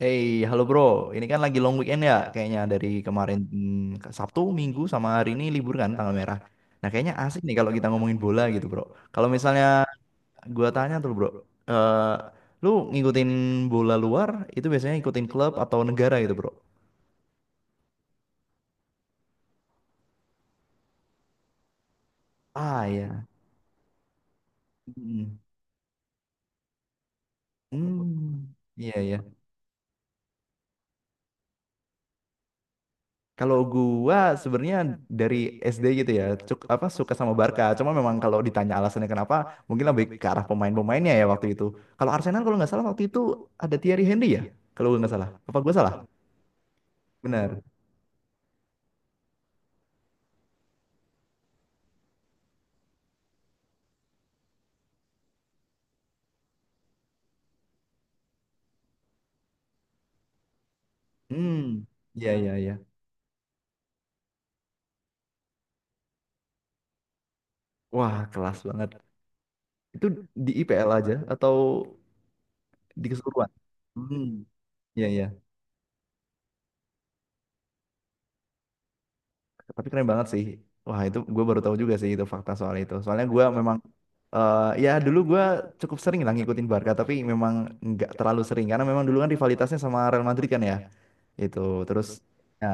Hey, halo bro. Ini kan lagi long weekend ya, kayaknya dari kemarin ke Sabtu, Minggu sama hari ini libur kan tanggal merah. Nah, kayaknya asik nih kalau kita ngomongin bola gitu, bro. Kalau misalnya gua tanya tuh, bro, eh, lu ngikutin bola luar itu biasanya ngikutin klub atau negara gitu, bro? Ah, iya. Hmm. Hmm, iya, iya. Kalau gua sebenarnya dari SD gitu ya, cuk, apa suka sama Barca. Cuma memang kalau ditanya alasannya kenapa, mungkin lebih ke arah pemain-pemainnya ya waktu itu. Kalau Arsenal kalau nggak salah waktu itu ada Thierry Henry ya, kalau gua nggak salah. Apa gua salah? Benar. Hmm, iya, iya, iya. Wah, kelas banget. Itu di IPL aja atau di keseluruhan? Hmm, iya, iya. Tapi keren banget sih. Wah, itu gue baru tahu juga sih itu fakta soal itu. Soalnya gue memang, eh, ya, dulu gue cukup sering lah ngikutin Barca, tapi memang nggak terlalu sering karena memang dulu kan rivalitasnya sama Real Madrid kan ya. Itu terus ya,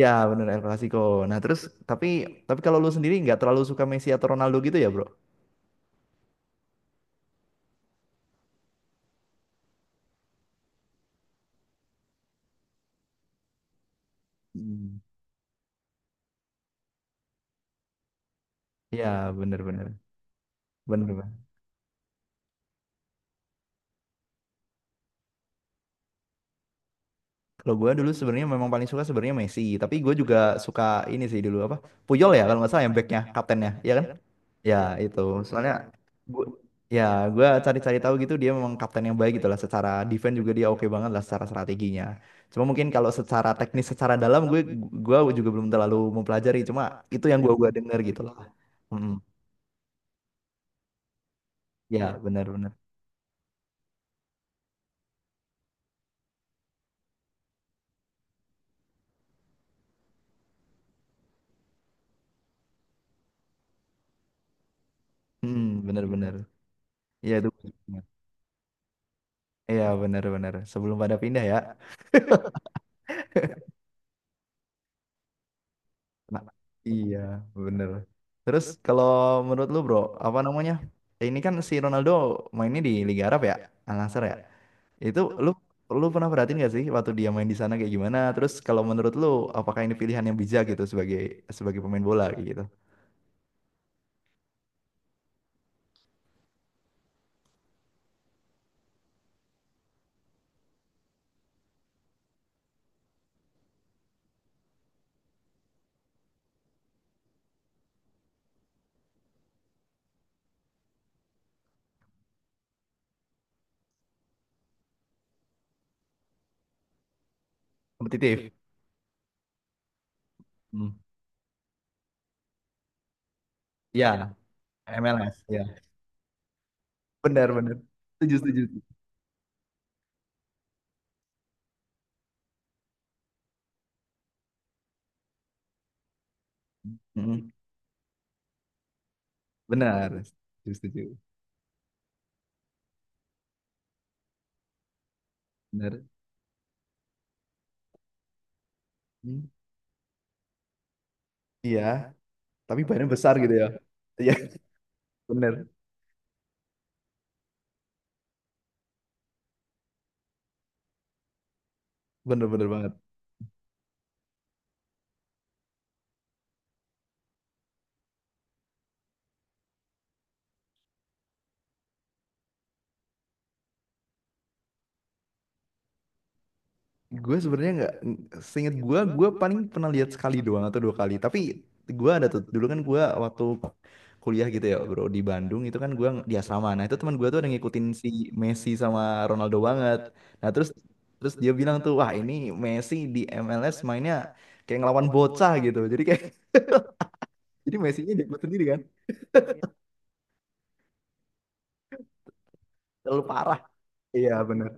ya bener, El Clasico. Nah terus tapi tapi kalau lu sendiri nggak terlalu suka Messi atau Ronaldo gitu ya bro? Hmm. Ya, bener-bener. Bener, bener, Bang. Kalau gue dulu sebenarnya memang paling suka sebenarnya Messi, tapi gue juga suka ini sih dulu apa? Puyol ya kalau nggak salah yang backnya, kaptennya, ya kan? Ya, itu soalnya gua, ya gue cari-cari tahu gitu, dia memang kapten yang baik gitu lah, secara defense juga dia oke banget lah, secara strateginya cuma mungkin kalau secara teknis secara dalam gue juga belum terlalu mempelajari, cuma itu yang gua dengar gitu lah. Mm-mm. Ya, benar-benar. Mm, mm, ya, benar, benar, hmm, benar, benar, ya itu. Iya, benar-benar, sebelum pada pindah ya. Nah, iya, benar. Terus kalau menurut lu bro, apa namanya, ini kan si Ronaldo mainnya di Liga Arab ya, Al Nassr ya. Itu, lu lu pernah perhatiin gak sih waktu dia main di sana kayak gimana? Terus kalau menurut lu apakah ini pilihan yang bijak gitu sebagai sebagai pemain bola kayak gitu? Kompetitif. Hmm. Ya, MLS ya. Benar, benar. Setuju, setuju. Hmm. Benar. Setuju, setuju. Benar. Hmm. Iya, tapi badannya besar gitu ya. Iya, benar. Benar, benar banget. Gue sebenarnya nggak, seingat gue paling pernah lihat sekali doang atau dua kali. Tapi gue ada tuh, dulu kan gue waktu kuliah gitu ya bro, di Bandung itu kan gue di asrama. Nah, itu teman gue tuh ada ngikutin si Messi sama Ronaldo banget. Nah terus terus dia bilang tuh, wah, ini Messi di MLS mainnya kayak ngelawan bocah gitu. Jadi kayak, jadi Messinya diikut sendiri kan, terlalu parah. Iya, bener,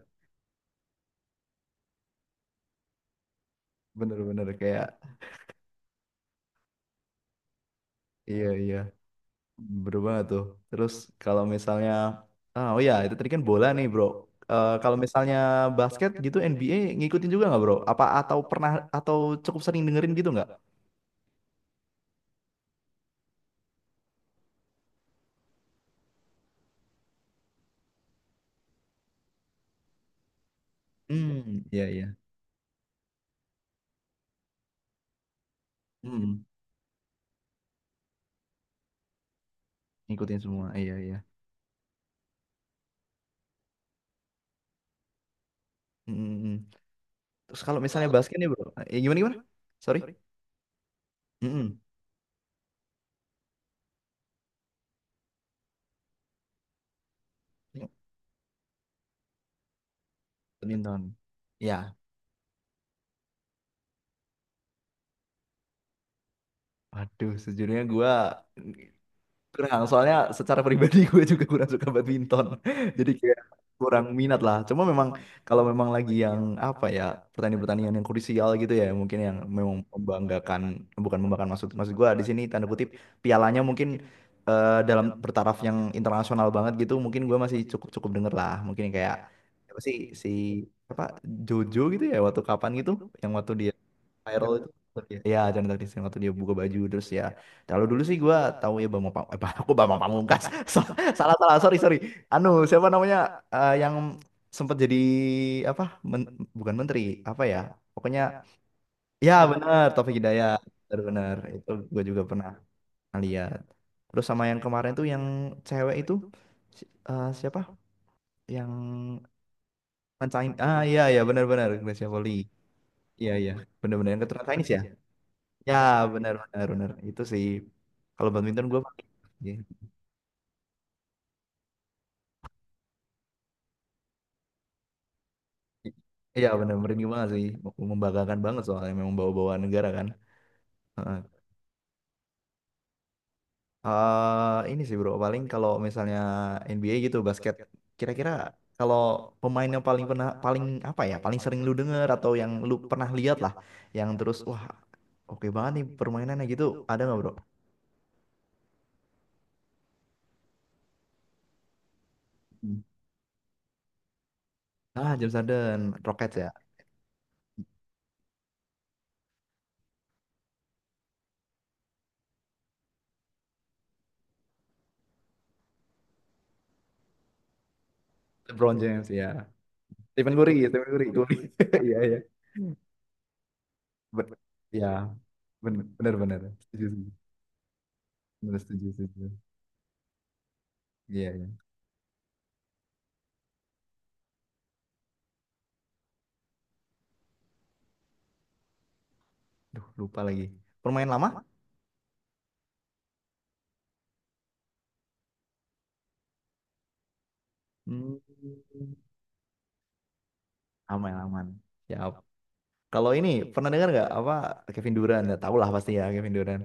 bener, bener kayak, iya, iya. Bener banget tuh. Terus kalau misalnya, ah, oh, ya itu tadi kan bola nih bro. Eh, kalau misalnya basket gitu NBA ngikutin juga nggak bro? Apa atau pernah atau cukup sering dengerin gitu nggak? Hmm, iya, iya. Hmm, ngikutin semua. Iya, iya. Hmm, hmm, hmm. Terus kalau misalnya basket nih bro, eh, gimana, gimana? Sorry. Hmm, hmm. Badminton. Ya. Aduh, sejujurnya gua kurang, soalnya secara pribadi gue juga kurang suka badminton. Jadi kayak kurang minat lah. Cuma memang kalau memang lagi yang apa ya, pertandingan-pertandingan yang krusial gitu ya, mungkin yang memang membanggakan, bukan membanggakan, maksud, maksud gue di sini tanda kutip pialanya mungkin, eh, dalam bertaraf yang internasional banget gitu, mungkin gue masih cukup-cukup denger lah. Mungkin kayak apa sih, si apa, Jojo gitu ya waktu kapan gitu, yang waktu dia viral itu, ya, ya, Chandra Taktik Sing waktu dia buka baju terus ya, kalau dulu sih gua tahu ya, Bambang aku Bambang Pamungkas. So- Salah, salah, sorry, sorry, anu, siapa namanya, eh, yang sempat jadi apa, men- bukan menteri apa ya, pokoknya, ya benar, Taufik Hidayat, benar, benar, itu gua juga pernah lihat, terus sama yang kemarin tuh yang cewek itu, siapa yang Chinese, ah, iya, iya, benar, benar, Gracia Poli, iya, iya, benar-benar yang keturunan Chinese ya. Ya, benar, benar, benar. Itu sih kalau badminton gue ya. Iya. Iya, benar, merinding banget sih. Membanggakan banget soalnya memang bawa-bawa negara kan. Heeh. Eh, ini sih bro, paling kalau misalnya NBA gitu basket, kira-kira kalau pemain yang paling pernah, paling apa ya, paling sering lu denger atau yang lu pernah lihat lah, yang terus wah, oke banget nih permainannya gitu, ada nggak bro? Hmm. Ah, James Harden, Rockets ya, LeBron James ya, Stephen Curry, Stephen Curry, Curry. Iya, iya. Bet- Ya, bener, bener, bener, setuju, setuju. Bener, setuju, setuju, iya, iya. Duh, lupa lagi, permain lama. Hmm. Aman, aman, siap. Kalau ini, pernah dengar nggak apa Kevin Durant, ya tahu lah pasti ya, Kevin Durant.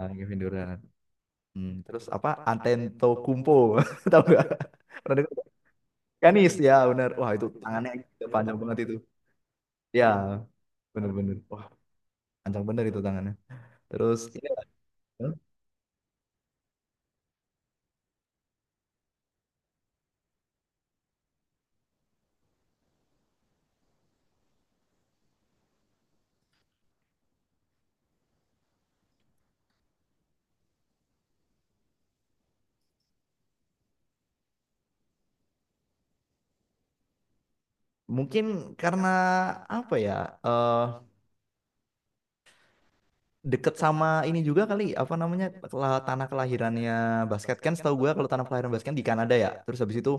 Ah, Kevin Durant. Hmm. Terus apa, Antetokounmpo, tahu nggak, pernah dengar nggak? Giannis ya benar, wah, itu tangannya gila, panjang banget itu, ya bener, bener, wah, panjang bener itu tangannya. Terus ini, mungkin karena apa ya, eh, deket sama ini juga kali, apa namanya, tanah kelahirannya basket. Kan setahu gue kalau tanah kelahiran basket di Kanada ya. Terus habis itu,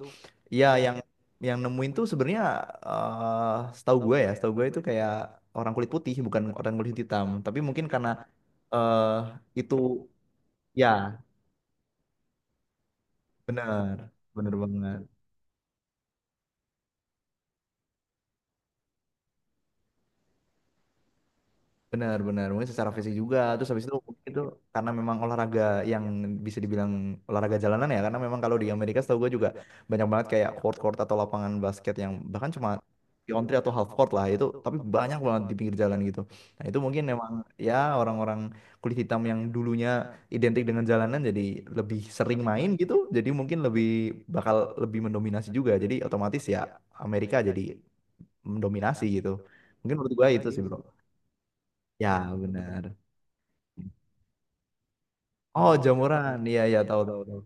ya, yang nemuin tuh sebenarnya, eh, setahu gue ya, setahu gue itu kayak orang kulit putih, bukan orang kulit hitam. Tapi mungkin karena, eh, itu, ya bener, bener banget. Benar-benar mungkin secara fisik juga, terus habis itu mungkin itu karena memang olahraga yang bisa dibilang olahraga jalanan ya, karena memang kalau di Amerika setahu gue juga banyak banget kayak court-court atau lapangan basket yang bahkan cuma country atau half court lah itu, tapi banyak banget di pinggir jalan gitu. Nah, itu mungkin memang ya, orang-orang kulit hitam yang dulunya identik dengan jalanan, jadi lebih sering main gitu, jadi mungkin lebih bakal lebih mendominasi juga, jadi otomatis ya Amerika jadi mendominasi gitu, mungkin menurut gue itu sih bro. Ya, benar. Oh, Jamuran. Iya, iya, tahu, tahu, tahu.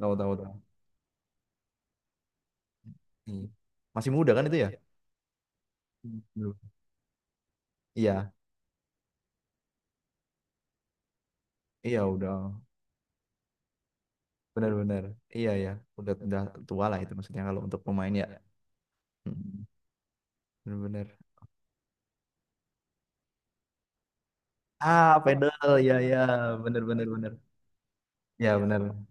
Tahu, tahu, tahu. Iya. Masih muda kan itu ya? Belum. Iya, iya udah. Benar-benar. Iya, iya. Udah tua lah itu maksudnya kalau untuk pemain ya. Mm, benar-benar. Ah, pedal. Iya, iya. Benar-benar, benar. Iya, benar.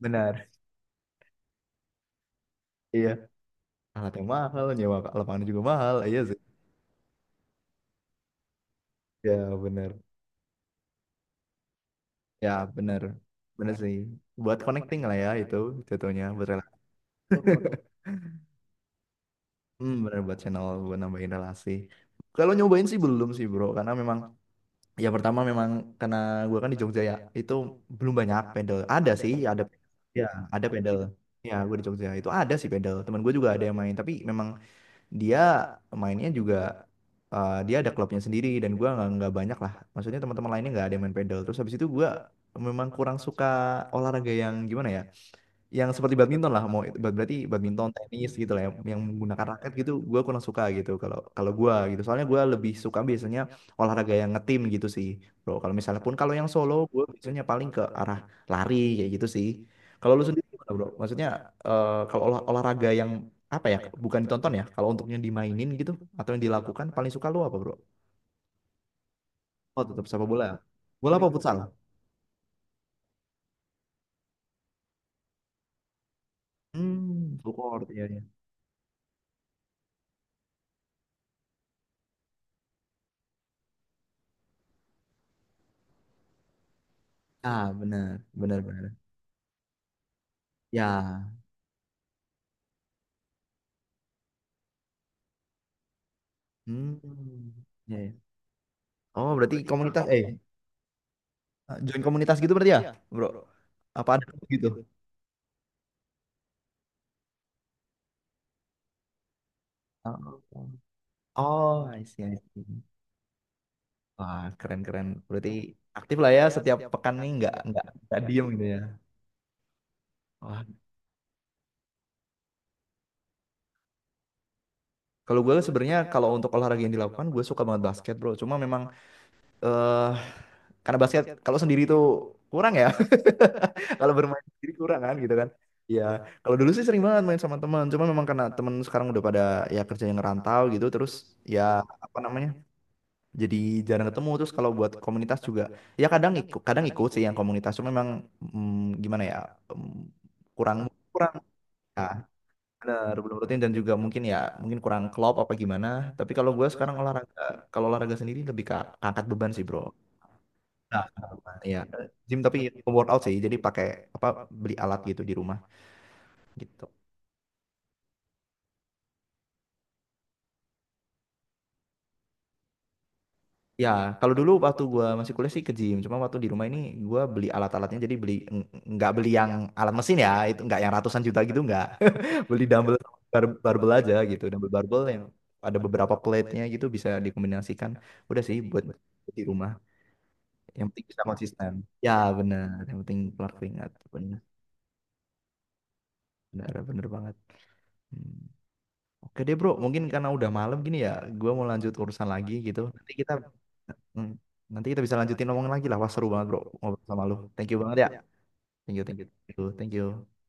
Benar. Iya. Alatnya mahal, nyewa lapangan juga mahal. Iya sih. Ya, benar. Ya, benar. Benar sih. Buat connecting lah ya itu jatuhnya, buat, hmm, bener, buat channel buat nambahin relasi. Kalau nyobain sih belum sih bro, karena memang ya pertama memang karena gua kan di Jogja ya, itu belum banyak pedal. Ada sih, ada, ya, ada pedal. Ya, gue di Jogja itu ada sih pedal. Teman gue juga ada yang main, tapi memang dia mainnya juga, eh, dia ada klubnya sendiri dan gua nggak banyak lah. Maksudnya teman-teman lainnya nggak ada yang main pedal. Terus habis itu gua memang kurang suka olahraga yang gimana ya, yang seperti badminton lah, mau itu berarti badminton, tenis gitu lah, yang, menggunakan raket gitu gue kurang suka gitu, kalau kalau gue gitu soalnya gue lebih suka biasanya olahraga yang ngetim gitu sih bro, kalau misalnya pun kalau yang solo gue biasanya paling ke arah lari kayak gitu sih. Kalau lu sendiri gimana bro, maksudnya, eh, kalau olahraga yang apa ya, bukan ditonton ya, kalau untuknya dimainin gitu atau yang dilakukan paling suka lu apa bro? Oh, tetap sepak bola. Bola apa futsal? Hmm, full court, iya, iya. Ah, benar, benar, benar, ya. Hmm. Ya, ya. Oh, berarti komunitas, eh, join komunitas gitu berarti ya, iya, Bro? Apa ada gitu? Gitu. Oh, oh, I see, I see. Wah, keren-keren. Berarti aktif lah ya, ya, setiap pekan nih, nggak diem gitu ya, gitu ya. Wah, kalau gue sebenarnya kalau untuk olahraga yang dilakukan gue suka banget basket, Bro. Cuma memang, eh, karena basket kalau sendiri tuh kurang ya, kalau bermain sendiri kurang kan gitu kan, ya kalau dulu sih sering banget main sama teman, cuma memang karena teman sekarang udah pada ya kerja, yang ngerantau gitu, terus ya apa namanya, jadi jarang ketemu. Terus kalau buat komunitas juga ya kadang ikut, kadang ikut sih yang komunitas, cuma memang, gimana ya, mm, kurang, kurang, ya bener, belum rutin, dan juga mungkin ya mungkin kurang klop apa gimana, tapi kalau gue sekarang olahraga, kalau olahraga sendiri lebih ke angkat beban sih bro. Nah, ya gym, tapi workout sih, jadi pakai apa, beli alat gitu di rumah gitu. Ya, kalau dulu waktu gua masih kuliah sih ke gym, cuma waktu di rumah ini gua beli alat-alatnya, jadi beli, nggak beli yang alat mesin ya, itu nggak yang ratusan juta gitu, nggak. Beli dumbbell sama barbell aja gitu, dumbbell, barbell yang ada beberapa plate-nya gitu bisa dikombinasikan. Udah sih buat di rumah, yang penting bisa konsisten. Ya, benar, yang penting keluar keringat. Benar, benar, benar banget. Hmm. Oke deh bro, mungkin karena udah malam gini ya, gua mau lanjut urusan lagi gitu. Nanti kita, hmm, nanti kita bisa lanjutin ngomongin lagi lah. Wah, seru banget, bro, ngobrol sama lu. Thank you banget ya. Thank you, thank you, thank you. Thank you.